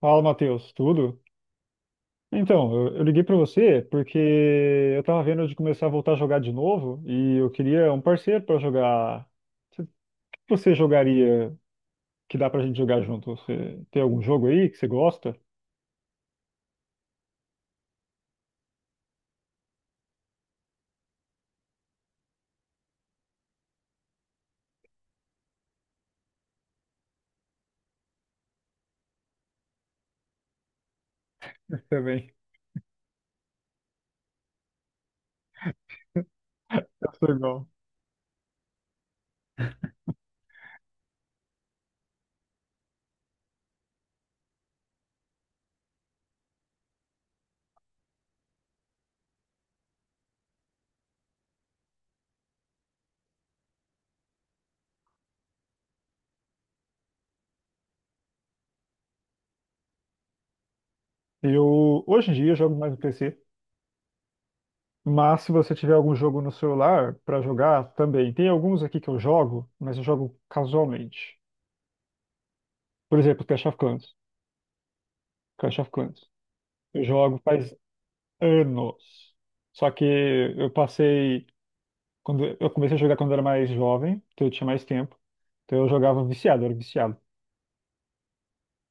Fala, Matheus, tudo? Então, eu liguei pra você porque eu tava vendo de começar a voltar a jogar de novo e eu queria um parceiro pra jogar. O que você jogaria que dá pra gente jogar junto? Você tem algum jogo aí que você gosta? Também. Eu sou igual. Eu, hoje em dia, jogo mais no PC, mas se você tiver algum jogo no celular pra jogar, também. Tem alguns aqui que eu jogo, mas eu jogo casualmente. Por exemplo, Clash of Clans. Clash of Clans. Eu jogo faz anos. Só que eu passei quando eu comecei a jogar quando era mais jovem, então eu tinha mais tempo. Então eu jogava viciado, eu era viciado.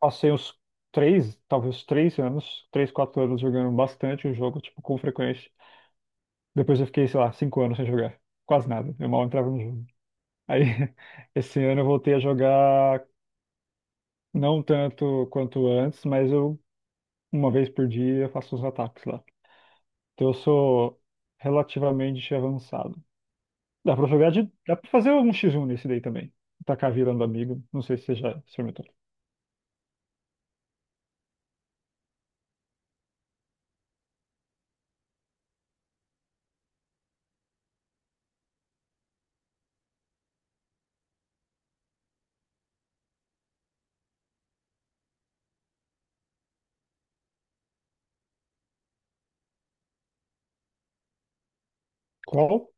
Passei uns três, talvez três anos, três, quatro anos jogando bastante o jogo, tipo, com frequência. Depois eu fiquei, sei lá, cinco anos sem jogar. Quase nada. Eu mal entrava no jogo. Aí, esse ano eu voltei a jogar não tanto quanto antes, mas eu, uma vez por dia, faço os ataques lá. Então eu sou relativamente avançado. Dá pra jogar de. Dá pra fazer algum xis um X1 nesse daí também. Tacar virando amigo. Não sei se você já experimentou. Qual?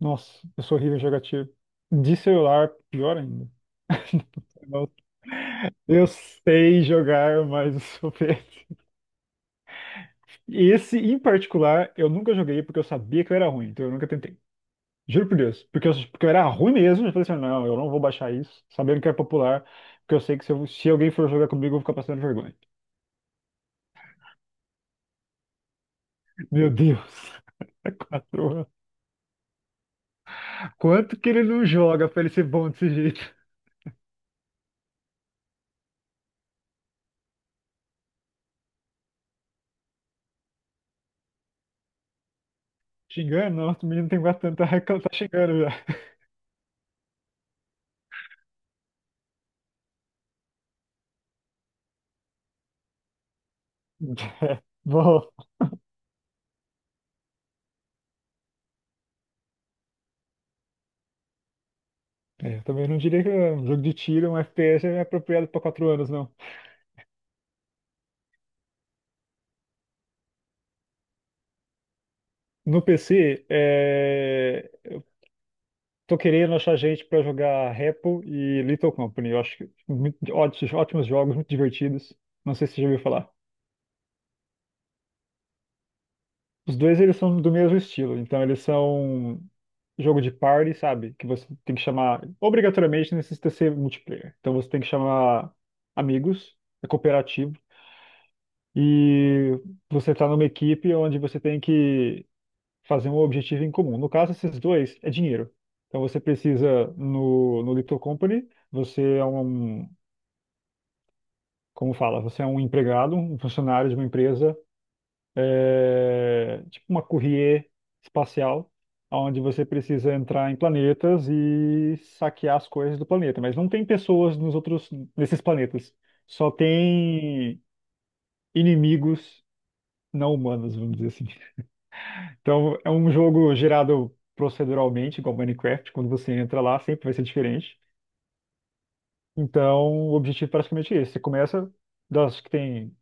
Nossa, eu sou horrível em jogar tiro. De celular, pior ainda. Eu sei jogar, mas eu sou péssimo. E esse em particular, eu nunca joguei porque eu sabia que eu era ruim, então eu nunca tentei. Juro por Deus. Porque eu era ruim mesmo, eu falei assim: não, eu não vou baixar isso, sabendo que é popular, porque eu sei que se alguém for jogar comigo, eu vou ficar passando vergonha. Meu Deus. Quatro. Quanto que ele não joga pra ele ser bom desse jeito? Xingando? Nossa, o menino tem bastante tanto, tá, tá xingando já. Bom, é, eu também não diria que é um jogo de tiro, um FPS é apropriado pra quatro anos, não. No PC, eu tô querendo achar gente pra jogar Repo e Little Company. Eu acho que ótimos, ótimos jogos, muito divertidos. Não sei se você já ouviu falar. Os dois eles são do mesmo estilo, então eles são jogo de party, sabe? Que você tem que chamar, obrigatoriamente necessita ser multiplayer. Então você tem que chamar amigos, é cooperativo, e você tá numa equipe onde você tem que fazer um objetivo em comum. No caso, esses dois é dinheiro. Então você precisa, no Little Company, você é um, como fala, você é um empregado, um funcionário de uma empresa, é, tipo uma courrier espacial, onde você precisa entrar em planetas e saquear as coisas do planeta. Mas não tem pessoas nos outros, nesses planetas. Só tem inimigos não humanos, vamos dizer assim. Então é um jogo gerado proceduralmente, igual Minecraft. Quando você entra lá, sempre vai ser diferente. Então o objetivo é praticamente esse. Você começa das que tem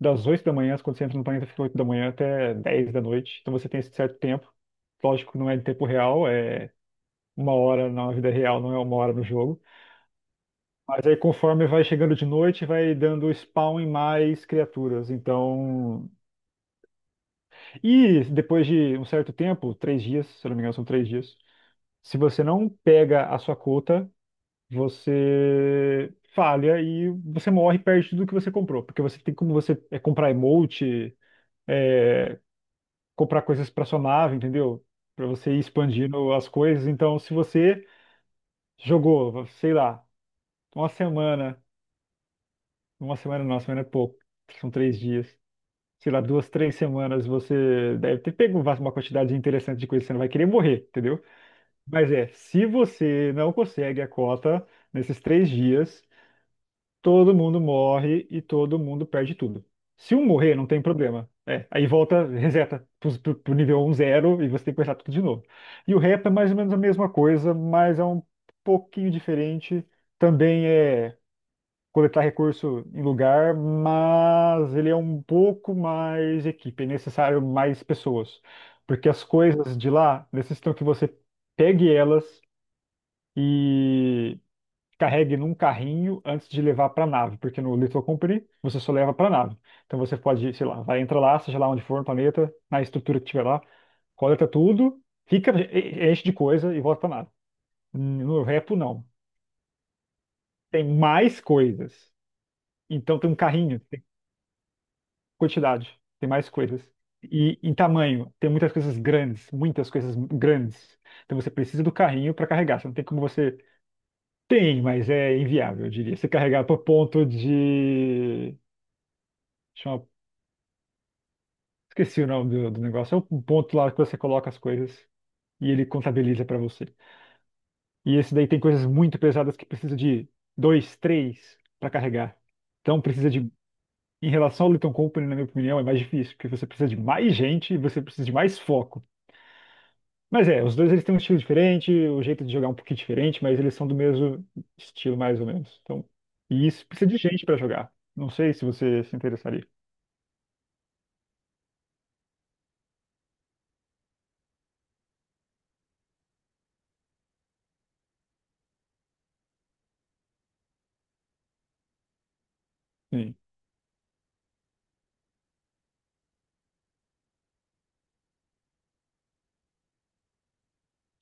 das 8 da manhã, quando você entra no planeta, fica 8 da manhã até 10 da noite. Então você tem esse certo tempo. Lógico, não é em tempo real, é uma hora na vida real, não é uma hora no jogo. Mas aí, conforme vai chegando de noite, vai dando spawn em mais criaturas. Então. E depois de um certo tempo, três dias, se eu não me engano, são três dias. Se você não pega a sua cota, você falha e você morre e perde tudo que você comprou. Porque você tem como você é, comprar emote, é, comprar coisas para sua nave, entendeu? Para você ir expandindo as coisas. Então, se você jogou, sei lá, uma semana, uma semana não, uma semana é pouco, são três dias, sei lá, duas, três semanas, você deve ter pego uma quantidade interessante de coisas, você não vai querer morrer, entendeu? Mas é, se você não consegue a cota nesses três dias, todo mundo morre e todo mundo perde tudo. Se um morrer, não tem problema. É, aí volta, reseta pro nível um zero e você tem que começar tudo de novo. E o rap é mais ou menos a mesma coisa, mas é um pouquinho diferente. Também é coletar recurso em lugar, mas ele é um pouco mais equipe, é necessário mais pessoas. Porque as coisas de lá necessitam que você pegue elas, carregue num carrinho antes de levar para a nave, porque no Little Company você só leva para a nave. Então você pode, sei lá, vai entrar lá, seja lá onde for no planeta, na estrutura que tiver lá, coleta tudo, fica, enche de coisa e volta para a nave. No Repo, não. Tem mais coisas. Então tem um carrinho, tem quantidade, tem mais coisas. E em tamanho, tem muitas coisas grandes, muitas coisas grandes. Então você precisa do carrinho para carregar. Você não tem como você. Tem, mas é inviável, eu diria. Você carregar para o ponto de. Chama. Esqueci o nome do negócio. É um ponto lá que você coloca as coisas e ele contabiliza para você. E esse daí tem coisas muito pesadas que precisa de dois, três para carregar. Então precisa de, em relação ao Lithium Company, na minha opinião, é mais difícil, porque você precisa de mais gente e você precisa de mais foco. Mas é, os dois eles têm um estilo diferente, o jeito de jogar é um pouquinho diferente, mas eles são do mesmo estilo, mais ou menos. Então, e isso precisa de gente para jogar. Não sei se você se interessaria. Sim.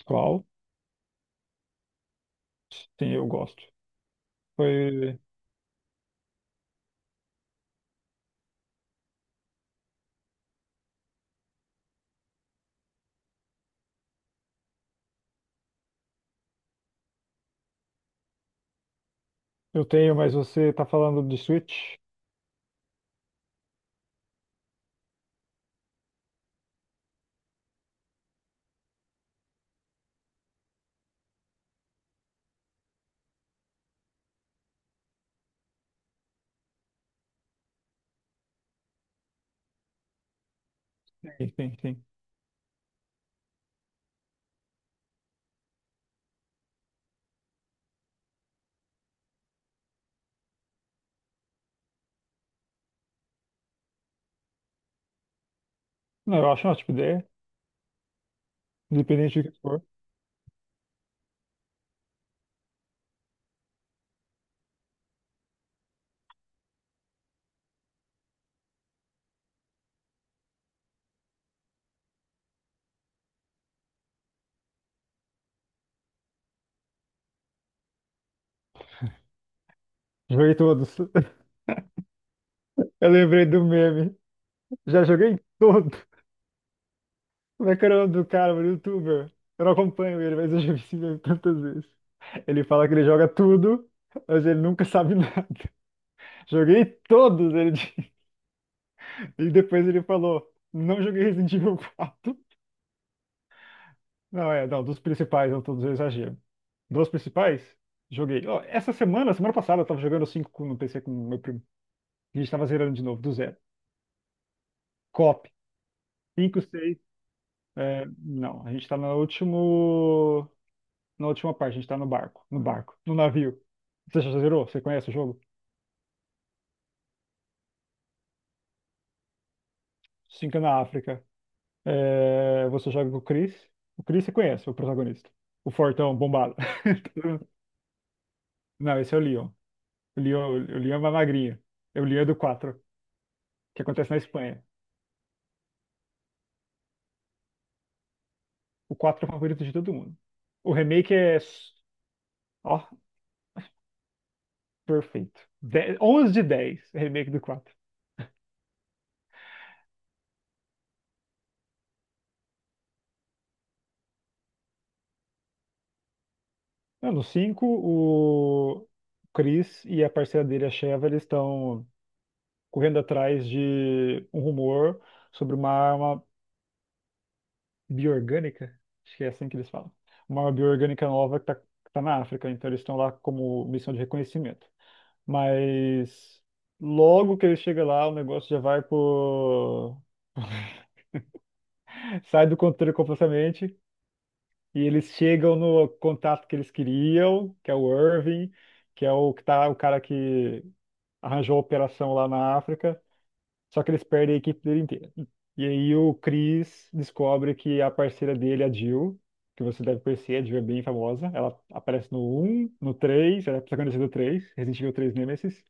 Qual? Sim, eu gosto. Foi. Eu tenho, mas você tá falando de Switch? Sim, sim, sim. Não, eu acho uma ótima ideia, independente do que for. Joguei todos. Eu lembrei do meme. Já joguei todo. Como é que era o nome do cara, mano, youtuber? Eu não acompanho ele, mas eu já vi esse meme tantas vezes. Ele fala que ele joga tudo, mas ele nunca sabe nada. Joguei todos, ele diz. E depois ele falou, não joguei Resident Evil 4. Não, é, não, dos principais, não todos eu exagero. Dos principais, joguei. Ó, essa semana, semana passada, eu tava jogando 5 no PC com o meu primo. A gente tava zerando de novo, do zero. Cop. Cinco, 6. É, não, a gente tá no último. Na última parte, a gente tá no barco. No barco, no navio. Você já zerou? Você conhece o jogo? 5 é na África. É, você joga com o Chris. O Chris você conhece, o protagonista. O fortão, bombado. Não, esse é o Leon. O Leon, o Leon é uma magrinha. É o Leon é do 4, que acontece na Espanha. O 4 é o favorito de todo mundo. O remake é, ó, perfeito. 11 de 10 o remake do quatro. Não, no 5 o Chris e a parceira dele, a Sheva, eles estão correndo atrás de um rumor sobre uma arma bioorgânica. Acho que é assim que eles falam. Uma arma bioorgânica nova que tá na África. Então eles estão lá como missão de reconhecimento. Mas logo que ele chega lá, o negócio já vai pro. Sai do controle completamente e eles chegam no contato que eles queriam, que é o Irving, que é o que tá, o cara que arranjou a operação lá na África, só que eles perdem a equipe dele inteira. E aí o Chris descobre que a parceira dele, a Jill, que você deve conhecer, a Jill é bem famosa, ela aparece no um no três, ela é protagonista do 3, Resident Evil 3 Nemesis,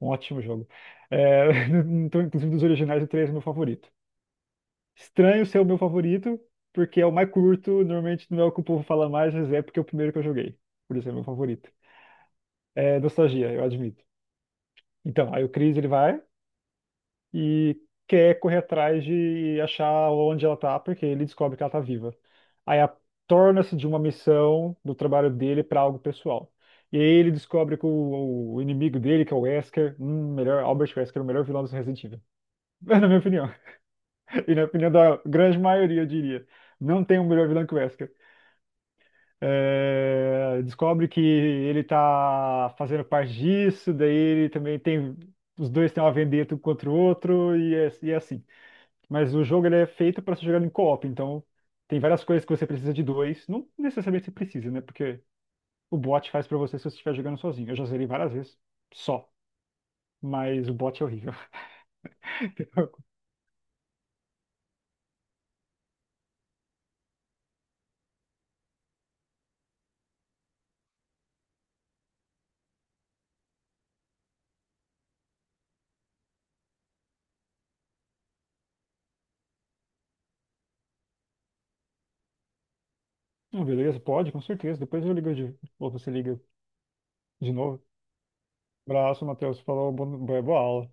um ótimo jogo. É, então, inclusive dos originais, o 3 é meu favorito. Estranho ser o meu favorito, porque é o mais curto, normalmente não é o que o povo fala mais, mas é porque é o primeiro que eu joguei. Por isso é meu favorito. É nostalgia, eu admito. Então, aí o Chris ele vai e quer correr atrás de achar onde ela tá, porque ele descobre que ela tá viva. Aí a- Torna-se de uma missão do trabalho dele para algo pessoal. E aí ele descobre que o inimigo dele, que é o Wesker, melhor, Albert Wesker, o melhor vilão do Resident Evil. Na minha opinião. E na opinião da grande maioria, eu diria. Não tem um melhor vilão que o Wesker. É, descobre que ele tá fazendo parte disso, daí ele também tem. Os dois têm uma vendetta um contra o outro e é assim. Mas o jogo ele é feito para ser jogado em co-op, então tem várias coisas que você precisa de dois. Não necessariamente você precisa, né? Porque o bot faz para você se você estiver jogando sozinho. Eu já zerei várias vezes, só. Mas o bot é horrível. Beleza, pode, com certeza. Depois eu ligo de. Ou você liga de novo. Abraço, Matheus. Falou, boa aula.